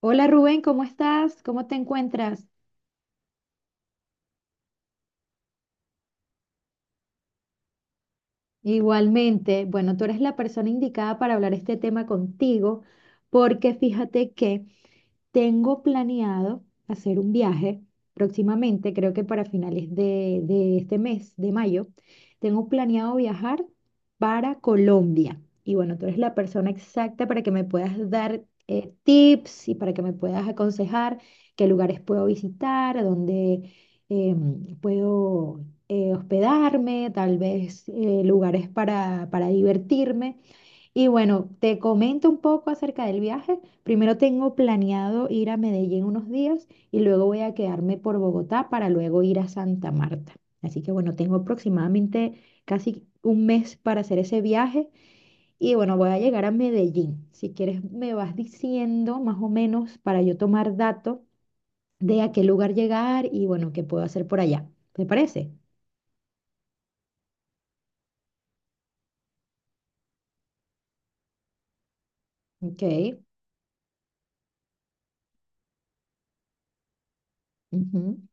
Hola Rubén, ¿cómo estás? ¿Cómo te encuentras? Igualmente, bueno, tú eres la persona indicada para hablar este tema contigo, porque fíjate que tengo planeado hacer un viaje próximamente, creo que para finales de este mes, de mayo, tengo planeado viajar para Colombia. Y bueno, tú eres la persona exacta para que me puedas dar tips y para que me puedas aconsejar qué lugares puedo visitar, a dónde puedo hospedarme, tal vez lugares para divertirme. Y bueno, te comento un poco acerca del viaje. Primero tengo planeado ir a Medellín unos días y luego voy a quedarme por Bogotá para luego ir a Santa Marta. Así que bueno, tengo aproximadamente casi un mes para hacer ese viaje y bueno, voy a llegar a Medellín. Si quieres, me vas diciendo más o menos para yo tomar dato de a qué lugar llegar y bueno, qué puedo hacer por allá. ¿Te parece? Ok. Ujú.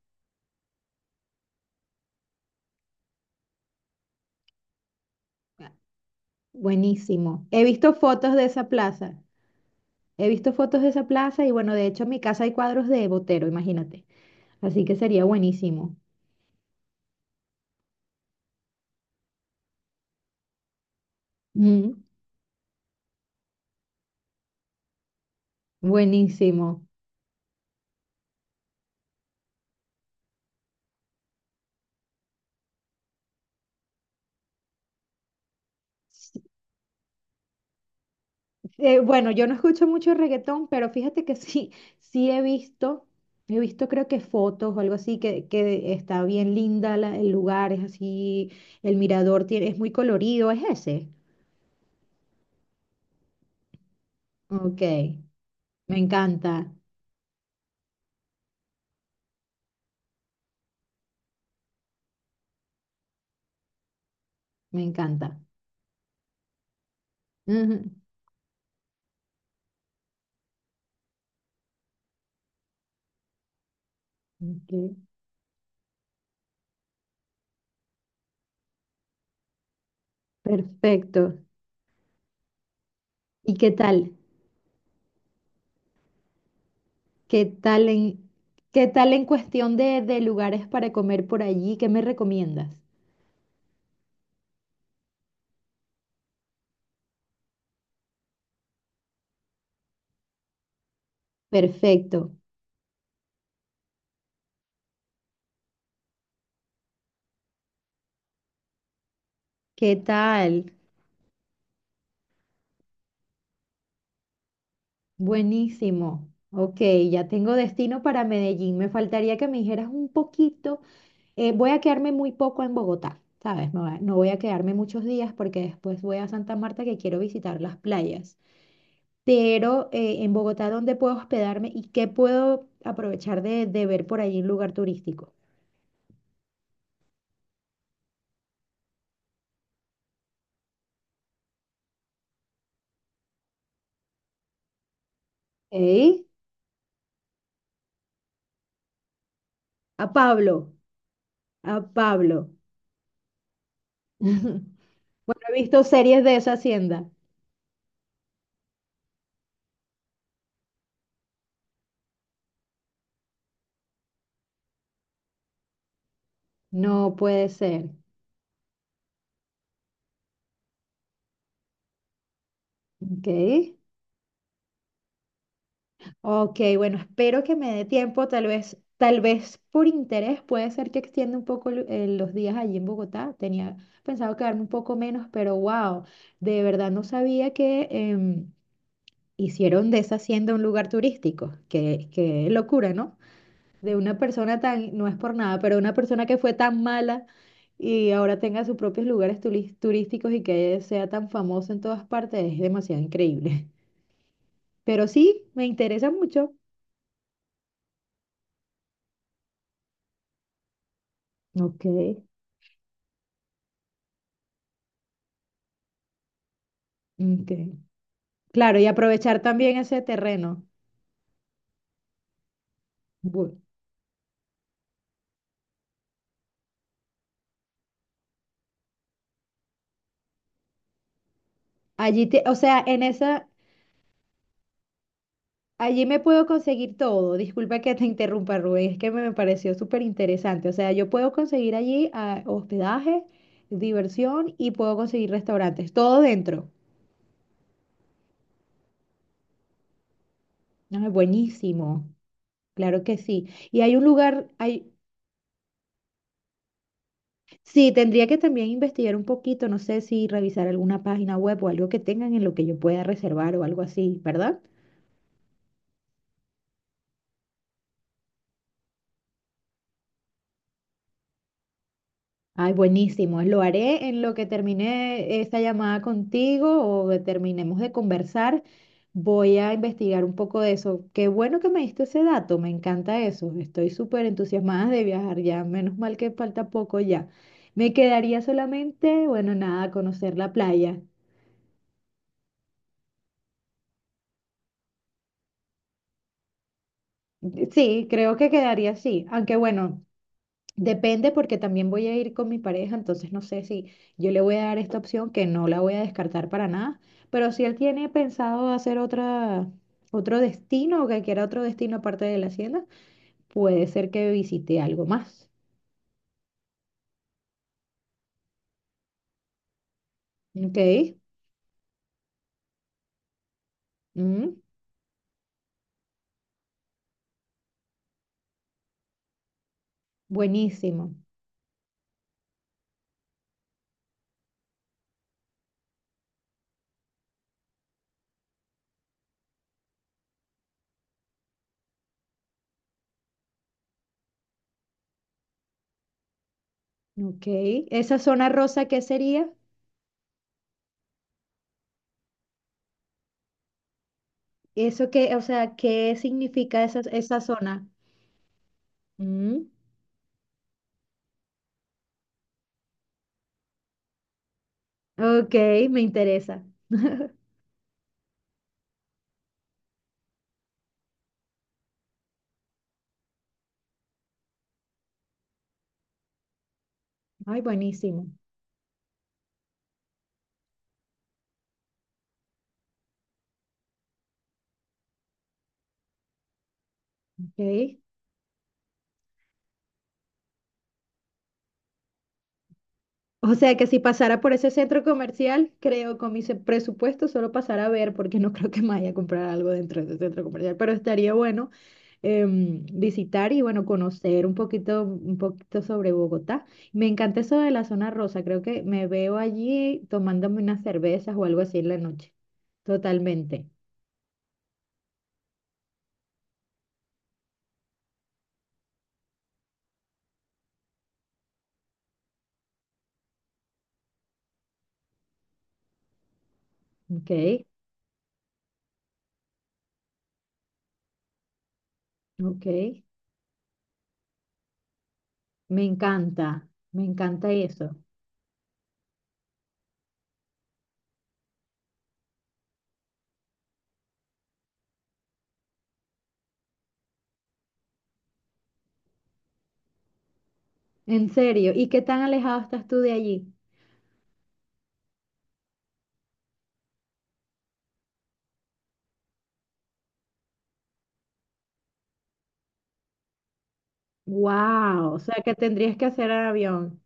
Buenísimo. He visto fotos de esa plaza. He visto fotos de esa plaza y bueno, de hecho en mi casa hay cuadros de Botero, imagínate. Así que sería buenísimo. Ujú. Buenísimo. S- bueno, yo no escucho mucho reggaetón, pero fíjate que sí, sí he visto creo que fotos o algo así, que está bien linda el lugar, es así, el mirador tiene, es muy colorido, es ese. Ok, me encanta, me encanta. Ujú. Ok. Perfecto. ¿Y qué tal? ¿Qué tal en, ¿qué tal en cuestión de lugares para comer por allí? ¿Qué me recomiendas? Perfecto. ¿Qué tal? Buenísimo. Ok, ya tengo destino para Medellín. Me faltaría que me dijeras un poquito. Voy a quedarme muy poco en Bogotá, ¿sabes? No, no voy a quedarme muchos días porque después voy a Santa Marta que quiero visitar las playas. Pero en Bogotá, ¿dónde puedo hospedarme y qué puedo aprovechar de ver por allí un lugar turístico? Ey, a Pablo, a Pablo. Bueno, he visto series de esa hacienda. No puede ser. Ok. Ok, bueno, espero que me dé tiempo. Tal vez por interés puede ser que extienda un poco los días allí en Bogotá. Tenía pensado quedarme un poco menos, pero wow, de verdad no sabía que hicieron de esa hacienda un lugar turístico. Qué locura, ¿no? De una persona tan, no es por nada, pero una persona que fue tan mala y ahora tenga sus propios lugares turísticos y que sea tan famoso en todas partes, es demasiado increíble. Pero sí, me interesa mucho. Ok, ok. Claro, y aprovechar también ese terreno. Bu- Allí te, o sea, allí me puedo conseguir todo. Disculpa que te interrumpa, Rubén, es que me pareció súper interesante. O sea, yo puedo conseguir allí hospedaje, diversión y puedo conseguir restaurantes, todo dentro. Ah, buenísimo, claro que sí. Y hay un lugar, hay, sí, tendría que también investigar un poquito, no sé si revisar alguna página web o algo que tengan en lo que yo pueda reservar o algo así, ¿verdad? Ay, buenísimo. Lo haré en lo que termine esta llamada contigo o terminemos de conversar. Voy a investigar un poco de eso. Qué bueno que me diste ese dato, me encanta eso. Estoy súper entusiasmada de viajar ya, menos mal que falta poco ya. Me quedaría solamente, bueno, nada, conocer la playa. Sí, creo que quedaría así, aunque bueno, depende porque también voy a ir con mi pareja, entonces no sé si yo le voy a dar esta opción que no la voy a descartar para nada, pero si él tiene pensado hacer otra, otro destino o que quiera otro destino aparte de la hacienda, puede ser que visite algo más. Ok, mm, buenísimo. Ok, esa zona rosa, ¿qué sería? Eso que, o sea, ¿qué significa esa zona? Mm, ok, me interesa. Ay, buenísimo. Ok. O sea que si pasara por ese centro comercial, creo con mi presupuesto solo pasar a ver, porque no creo que me vaya a comprar algo dentro de ese centro comercial, pero estaría bueno visitar y bueno, conocer un poquito sobre Bogotá. Me encanta eso de la zona rosa, creo que me veo allí tomándome unas cervezas o algo así en la noche. Totalmente. Ok, ok. Me encanta eso. En serio, ¿y qué tan alejado estás tú de allí? Wow, o sea que tendrías que hacer avión.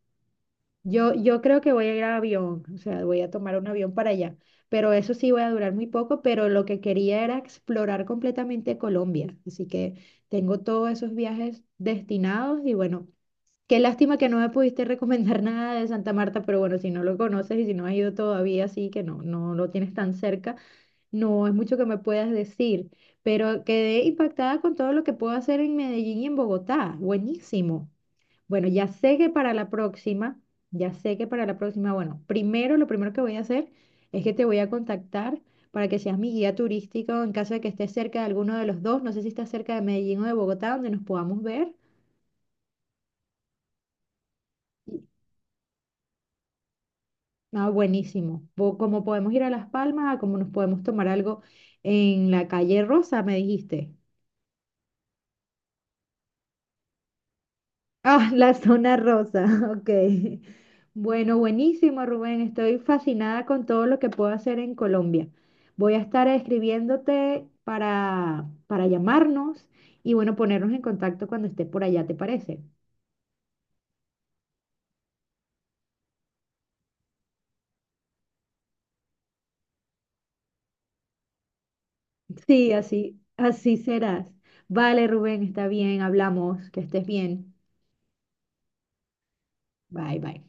Yo creo que voy a ir a avión, o sea, voy a tomar un avión para allá, pero eso sí voy a durar muy poco, pero lo que quería era explorar completamente Colombia, así que tengo todos esos viajes destinados y bueno, qué lástima que no me pudiste recomendar nada de Santa Marta, pero bueno, si no lo conoces y si no has ido todavía, sí que no, no lo tienes tan cerca, no es mucho que me puedas decir, pero quedé impactada con todo lo que puedo hacer en Medellín y en Bogotá, buenísimo. Bueno, ya sé que para la próxima, ya sé que para la próxima, bueno, primero lo primero que voy a hacer es que te voy a contactar para que seas mi guía turístico en caso de que estés cerca de alguno de los dos, no sé si estás cerca de Medellín o de Bogotá, donde nos podamos ver. Sí. Ah, buenísimo. Como podemos ir a Las Palmas, como nos podemos tomar algo en la calle Rosa, me dijiste. Ah, la zona rosa, ok. Bueno, buenísimo, Rubén. Estoy fascinada con todo lo que puedo hacer en Colombia. Voy a estar escribiéndote para llamarnos y bueno, ponernos en contacto cuando esté por allá, ¿te parece? Sí, así, así serás. Vale, Rubén, está bien, hablamos, que estés bien. Bye, bye.